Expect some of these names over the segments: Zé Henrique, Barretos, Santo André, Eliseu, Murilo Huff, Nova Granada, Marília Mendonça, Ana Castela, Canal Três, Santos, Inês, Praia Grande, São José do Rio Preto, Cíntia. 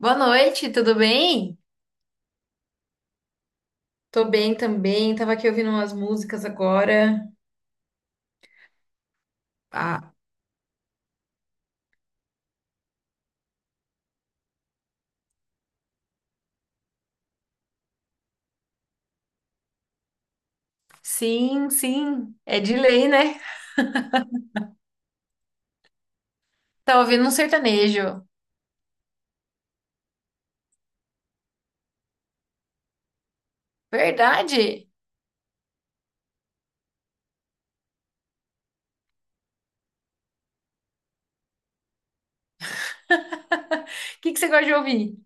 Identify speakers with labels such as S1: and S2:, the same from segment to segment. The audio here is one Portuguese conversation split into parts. S1: Boa noite, tudo bem? Tô bem também, tava aqui ouvindo umas músicas agora. Ah, sim, sim, é de lei, né? Tava ouvindo um sertanejo. Verdade? O que que você gosta de ouvir?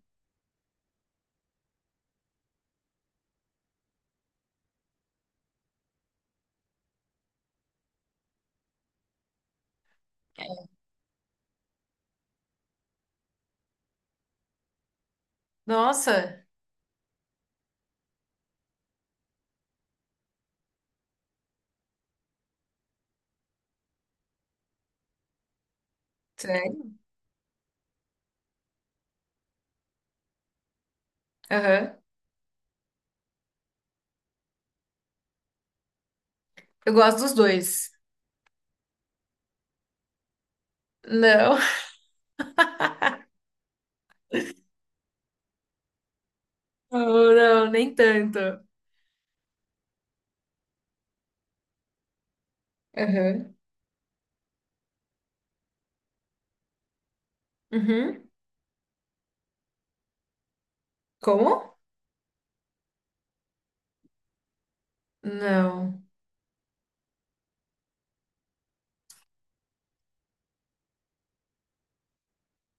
S1: Nossa, sério? Aham. Eu gosto dos dois. Não, não, não, nem tanto. Aham. Uhum. Como? Não,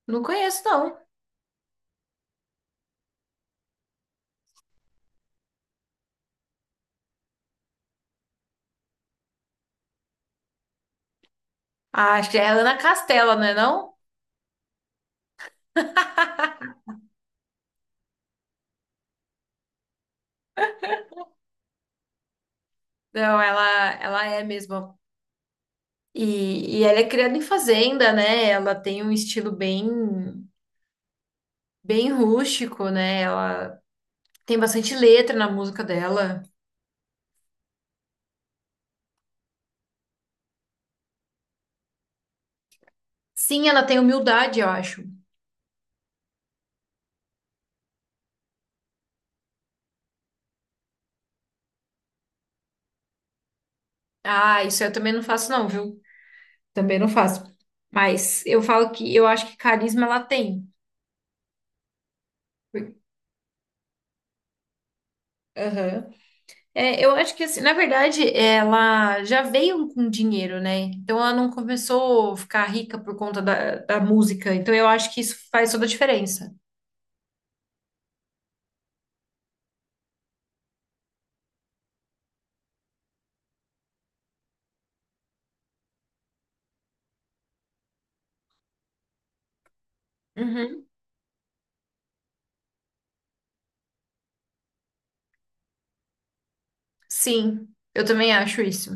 S1: não conheço, não. Ah, acho que é a Ana Castela, não é não? Não, ela é mesmo. E ela é criada em fazenda, né? Ela tem um estilo bem, bem rústico, né? Ela tem bastante letra na música dela. Sim, ela tem humildade, eu acho. Ah, isso eu também não faço, não, viu? Também não faço. Mas eu falo que eu acho que carisma ela tem. Aham. É, eu acho que assim, na verdade, ela já veio com dinheiro, né? Então ela não começou a ficar rica por conta da música. Então eu acho que isso faz toda a diferença. Uhum. Sim, eu também acho isso.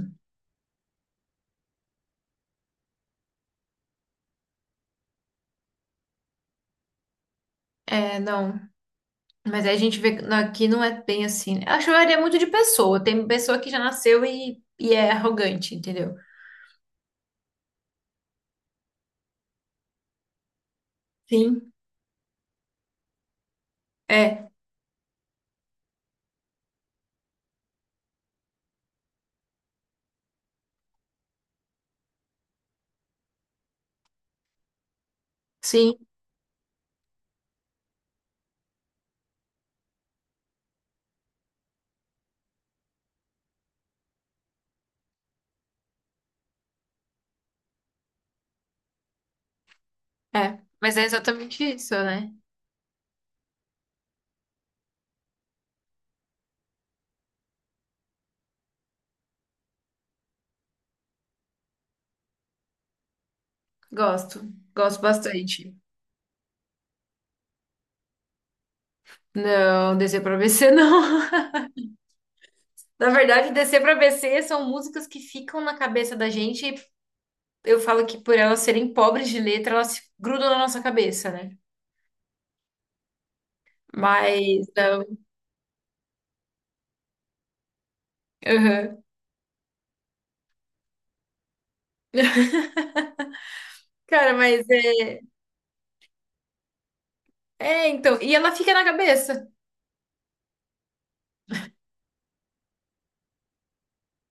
S1: É, não. Mas aí a gente vê que aqui não é bem assim. Eu acho que varia muito de pessoa. Tem pessoa que já nasceu e é arrogante, entendeu? Sim. É, sim, é. Mas é exatamente isso, né? Gosto. Gosto bastante. Não, descer pra BC não. Na verdade, descer pra BC são músicas que ficam na cabeça da gente. E eu falo que por elas serem pobres de letra, elas se grudam na nossa cabeça, né? Mas, não. Aham. Cara, mas é, então, e ela fica na cabeça.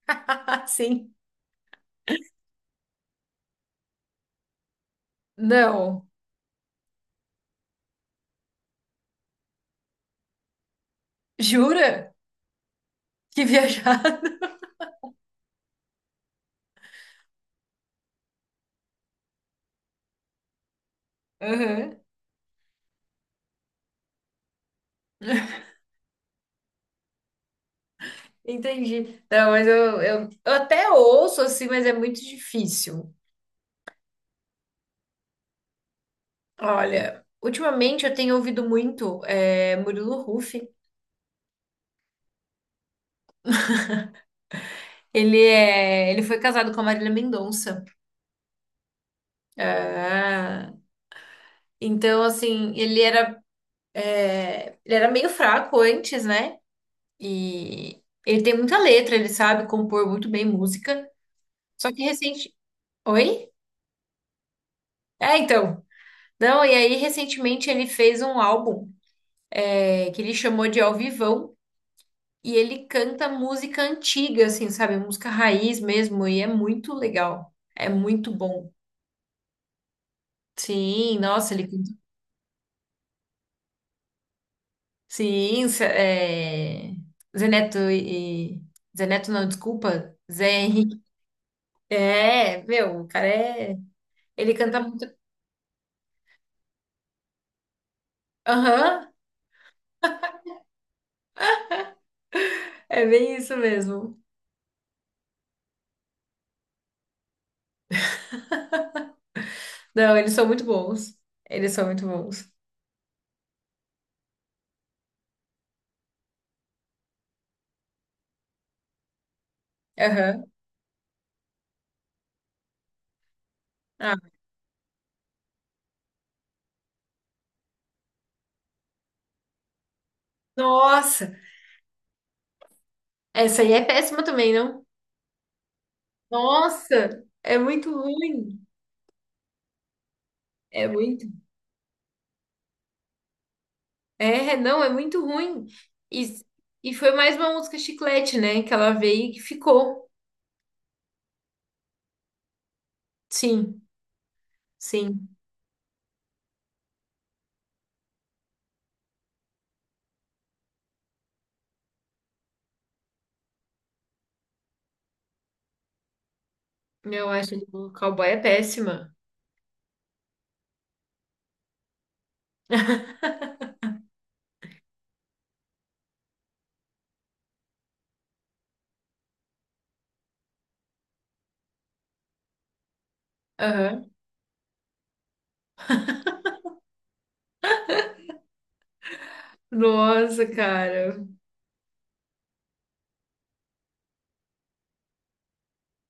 S1: Sim. Não. Jura? Que viajada. Aham. Entendi. Não, mas eu até ouço assim, mas é muito difícil. Olha, ultimamente eu tenho ouvido muito é, Murilo Huff. Ele foi casado com a Marília Mendonça. Então, assim, ele era, é, ele era meio fraco antes, né? E ele tem muita letra, ele sabe compor muito bem música. Só que recente. Oi? É, então. Não, e aí recentemente ele fez um álbum é, que ele chamou de Ao Vivão e ele canta música antiga, assim, sabe? Música raiz mesmo, e é muito legal. É muito bom. Sim, nossa, ele canta. Sim, Zé- é... Zeneto e. Zeneto não, desculpa. Zé Henrique. É, meu, o cara é. Ele canta muito. Aham, é bem isso mesmo. Não, eles são muito bons. Eles são muito bons. Aham. Ah, nossa! Essa aí é péssima também, não? Nossa, é muito ruim. É muito. É, não, é muito ruim. E, e foi mais uma música chiclete, né? Que ela veio e que ficou. Sim, sim. Eu acho que o cowboy é péssima. Aham. Nossa, cara.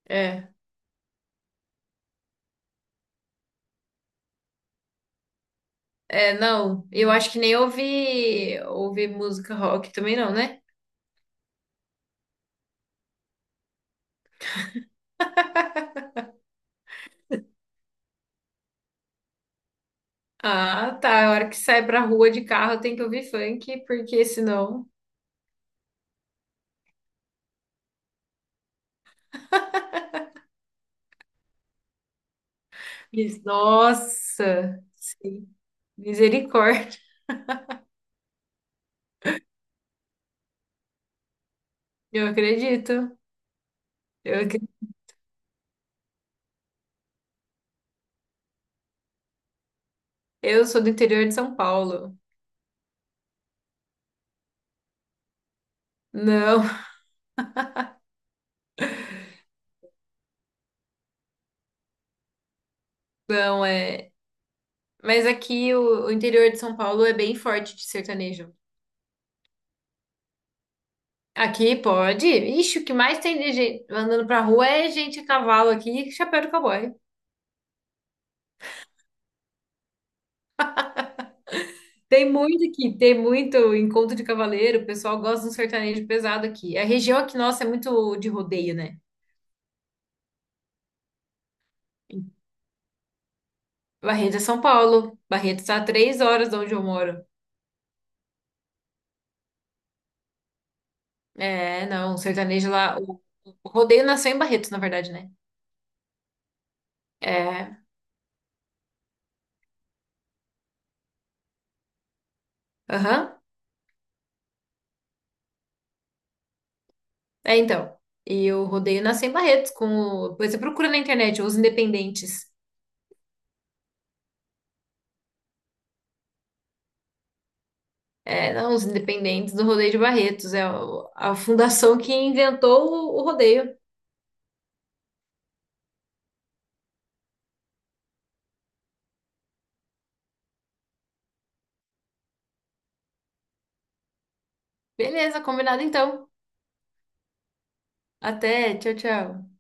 S1: É. É, não. Eu acho que nem ouvi, ouvi música rock também não, né? Ah, tá. A hora que sai pra rua de carro tem que ouvir funk, porque senão. Nossa. Sim. Misericórdia, eu acredito. Eu, acre- eu sou do interior de São Paulo. Não, não é. Mas aqui o interior de São Paulo é bem forte de sertanejo. Aqui pode. Ixi, o que mais tem de gente andando pra rua é gente a cavalo aqui, chapéu de cowboy. Tem muito aqui, tem muito encontro de cavaleiro. O pessoal gosta de um sertanejo pesado aqui. A região aqui, nossa, é muito de rodeio, né? Barreto é São Paulo. Barreto está a 3 horas de onde eu moro. É, não, o sertanejo lá. O rodeio nasceu em Barretos, na verdade, né? É. Aham. É, então. E o rodeio nasceu em Barretos, com o, depois você procura na internet, os independentes. É, não, os independentes do rodeio de Barretos. É o- a fundação que inventou o rodeio. Beleza, combinado então. Até, tchau, tchau.